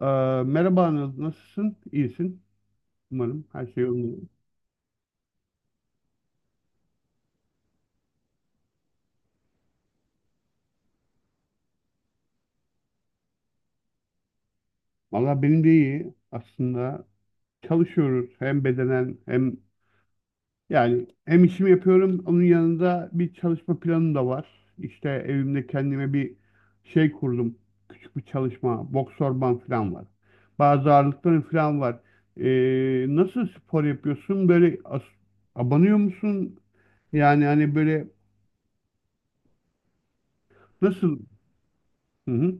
Ee, Merhaba Anıl, nasılsın? İyisin umarım. Her şey yolunda. Valla benim de iyi. Aslında çalışıyoruz hem bedenen hem yani hem işimi yapıyorum. Onun yanında bir çalışma planım da var. İşte evimde kendime bir şey kurdum. Küçük bir çalışma, boks orman falan var. Bazı ağırlıkların falan var. Nasıl spor yapıyorsun? Böyle abanıyor musun? Yani hani böyle nasıl? Hı hı.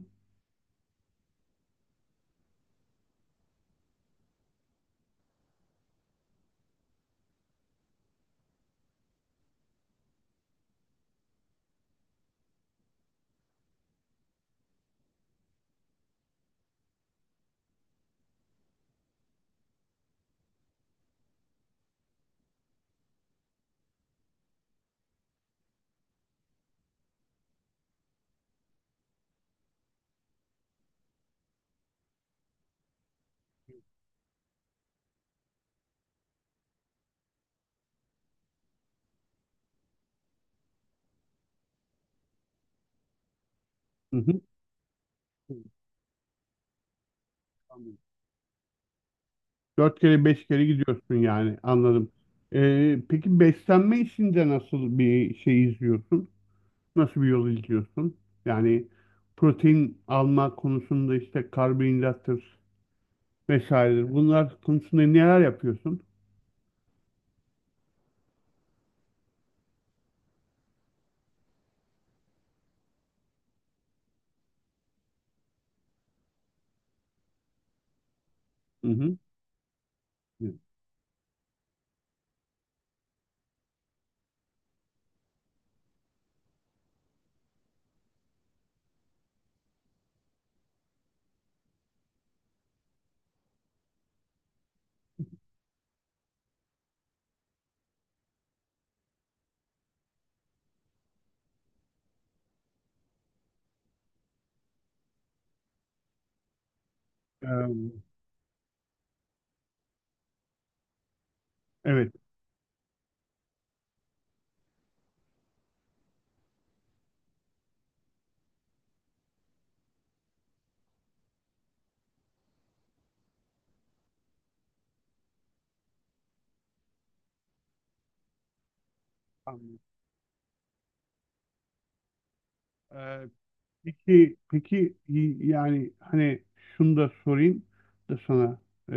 Hı hı. Dört kere beş kere gidiyorsun yani anladım. Peki beslenme işinde nasıl bir şey izliyorsun? Nasıl bir yol izliyorsun? Yani protein alma konusunda işte karbonhidrattır vesairedir. Bunlar konusunda neler yapıyorsun? Hı hı. Ee, evet. Anladım. Ee, peki, yani hani şunu da sorayım da sana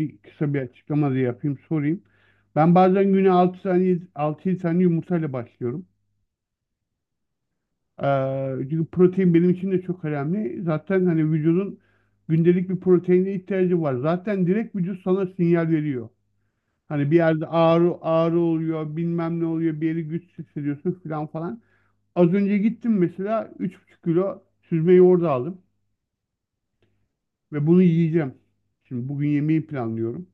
bir kısa bir açıklama da yapayım sorayım. Ben bazen güne 6 tane 6 tane yumurtayla başlıyorum. Çünkü protein benim için de çok önemli. Zaten hani vücudun gündelik bir proteine ihtiyacı var. Zaten direkt vücut sana sinyal veriyor. Hani bir yerde ağrı ağrı oluyor, bilmem ne oluyor, bir yeri güçsüz hissediyorsun falan falan. Az önce gittim mesela 3,5 kilo süzme yoğurdu aldım. Ve bunu yiyeceğim. Şimdi bugün yemeği planlıyorum.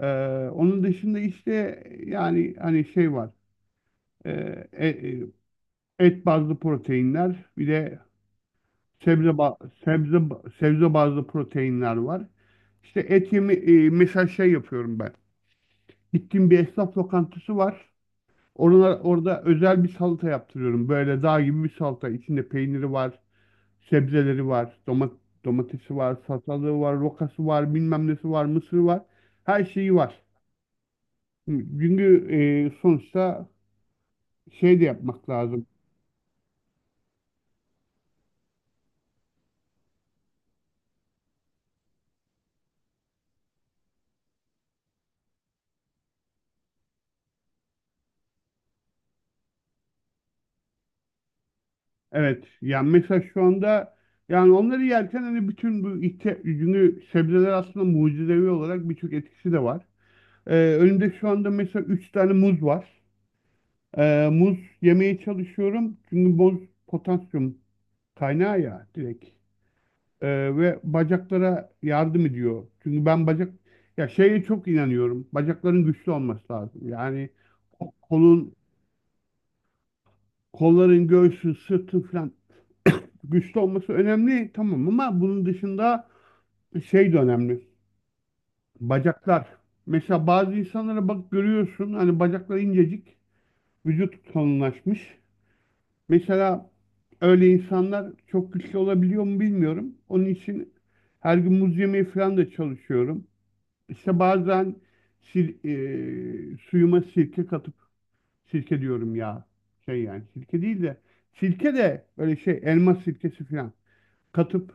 Ee, Onun dışında işte yani hani şey var. Ee, e- e- et bazlı proteinler, bir de sebze ba- sebze bazlı proteinler var. İşte et yemi mesela şey yapıyorum ben. Gittiğim bir esnaf lokantası var. Orada özel bir salata yaptırıyorum. Böyle dağ gibi bir salata. İçinde peyniri var. Sebzeleri var, domatesi var, salatalığı var, rokası var, bilmem nesi var, mısırı var. Her şeyi var. Çünkü sonuçta şey de yapmak lazım. Evet, yani mesela şu anda yani onları yerken hani bütün bu çünkü sebzeler aslında mucizevi olarak birçok etkisi de var. Önümde şu anda mesela 3 tane muz var. Muz yemeye çalışıyorum. Çünkü muz potasyum kaynağı ya direkt. Ve bacaklara yardım ediyor. Çünkü ben ya şeye çok inanıyorum. Bacakların güçlü olması lazım. Yani ko- kolun, kolların, göğsü, sırtı falan güçlü olması önemli tamam ama bunun dışında şey de önemli. Bacaklar. Mesela bazı insanlara bak görüyorsun hani bacakları incecik, vücut kalınlaşmış. Mesela öyle insanlar çok güçlü olabiliyor mu bilmiyorum. Onun için her gün muz yemeye falan da çalışıyorum. İşte bazen sil, suyuma sirke katıp sirke diyorum ya şey yani sirke değil de sirke de böyle şey elma sirkesi falan katıp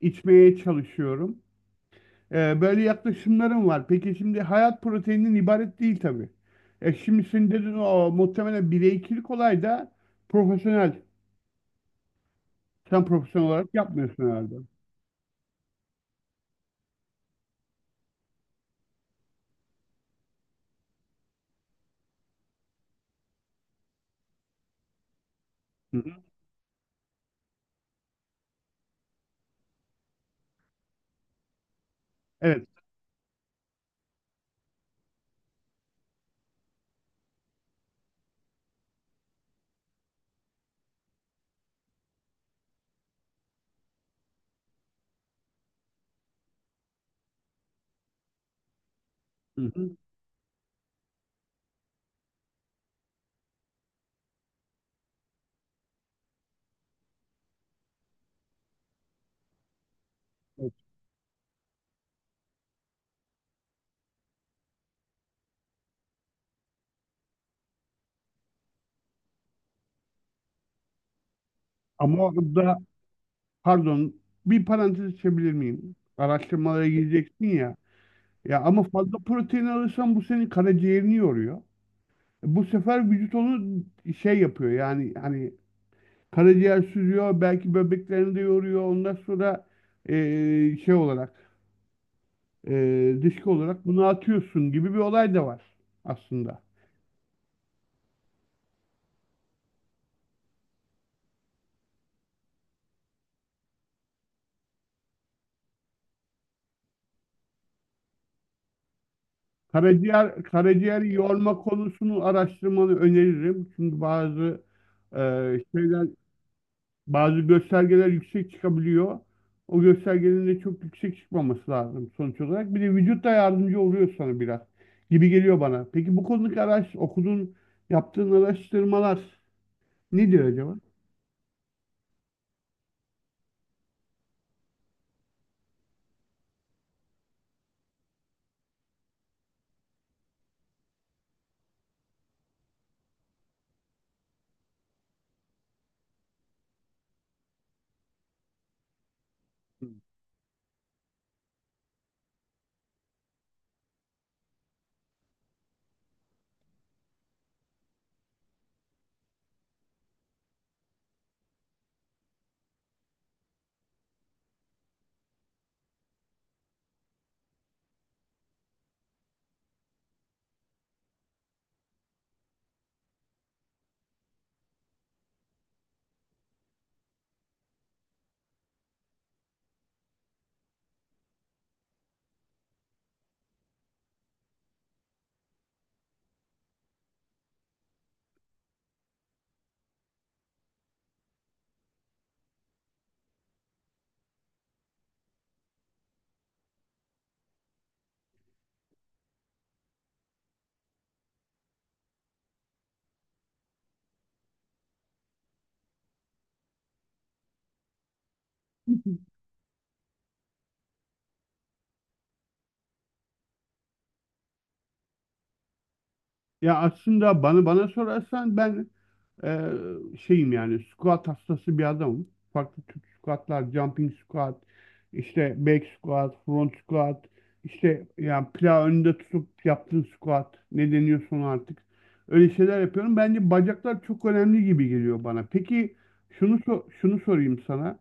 içmeye çalışıyorum. Böyle yaklaşımlarım var. Peki şimdi hayat proteininden ibaret değil tabii. Şimdi senin dedin o muhtemelen bireykilik olay da profesyonel. Sen profesyonel olarak yapmıyorsun herhalde. Hı hı. Evet. Hı hı. Evet. Ama orada Pardon, bir parantez açabilir miyim? Araştırmalara gireceksin ya. Ya ama fazla protein alırsan bu senin karaciğerini yoruyor. Bu sefer vücut onu şey yapıyor yani hani karaciğer süzüyor belki böbreklerini de yoruyor. Ondan sonra şey olarak dışkı olarak bunu atıyorsun gibi bir olay da var aslında. Karaciğer yorma konusunu araştırmanı öneririm. Çünkü bazı e, şeyler bazı göstergeler yüksek çıkabiliyor. O göstergelerin de çok yüksek çıkmaması lazım sonuç olarak. Bir de vücut da yardımcı oluyor sana biraz gibi geliyor bana. Peki bu konudaki okuduğun, yaptığın araştırmalar ne diyor acaba? Ya aslında bana sorarsan ben Ee, şeyim yani squat hastası bir adamım. Farklı tür squatlar, jumping squat, işte back squat, front squat, işte yani plağı önünde tutup yaptığın squat ne deniyorsun artık. Öyle şeyler yapıyorum. Bence bacaklar çok önemli gibi geliyor bana. Peki şunu sorayım sana.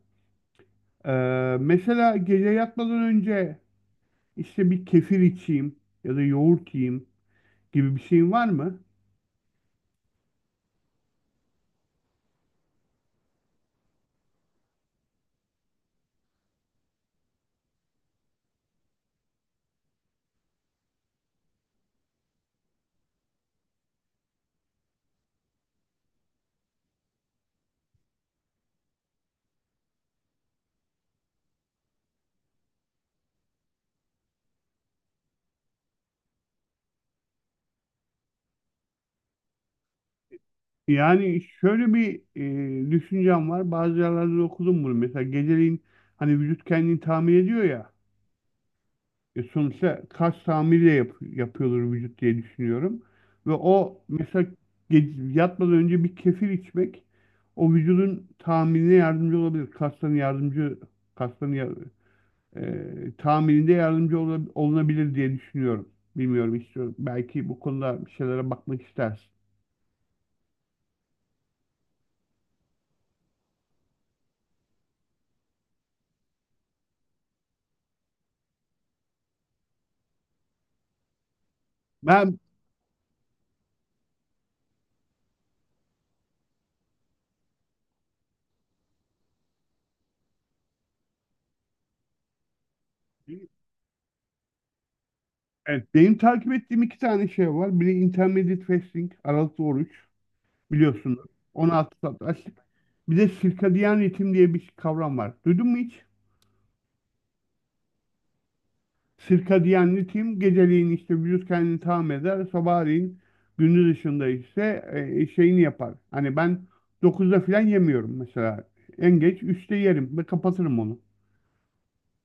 Mesela gece yatmadan önce işte bir kefir içeyim ya da yoğurt yiyeyim gibi bir şeyin var mı? Yani şöyle bir düşüncem var. Bazı yerlerde de okudum bunu. Mesela geceleyin hani vücut kendini tamir ediyor ya. Sonuçta kas tamiri de yapıyordur vücut diye düşünüyorum. Ve o mesela yatmadan önce bir kefir içmek o vücudun tamirine yardımcı olabilir. Kasların tamirinde yardımcı olunabilir diye düşünüyorum. Bilmiyorum istiyorum. Belki bu konuda bir şeylere bakmak istersin. Ben Evet, benim takip ettiğim iki tane şey var. Biri Intermittent Fasting, aralıklı oruç biliyorsunuz. 16 saat açlık. Bir de circadian ritim diye bir kavram var. Duydun mu hiç? Circadian ritim geceleyin işte vücut kendini tamam eder. Sabahleyin gündüz ışığında ise şeyini yapar. Hani ben 9'da falan yemiyorum mesela. En geç 3'te yerim ve kapatırım onu.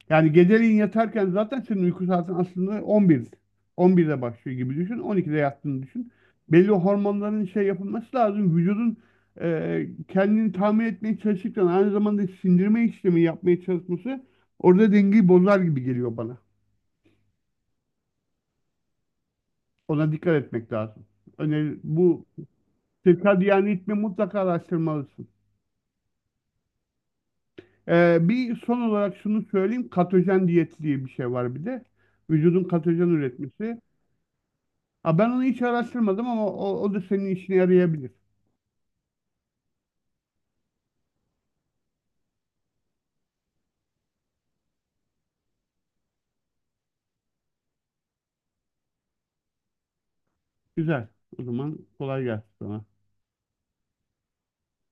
Yani geceliğin yatarken zaten senin uyku saatin aslında 11. 11'de başlıyor gibi düşün. 12'de yattığını düşün. Belli hormonların şey yapılması lazım. Vücudun kendini tamir etmeye çalışırken aynı zamanda sindirme işlemi yapmaya çalışması orada dengeyi bozar gibi geliyor bana. Ona dikkat etmek lazım. Öneri, bu yani ritmi mutlaka araştırmalısın. Bir son olarak şunu söyleyeyim. Katojen diyet diye bir şey var bir de. Vücudun katojen üretmesi. Ha, ben onu hiç araştırmadım ama o da senin işine yarayabilir. Güzel. O zaman kolay gelsin sana.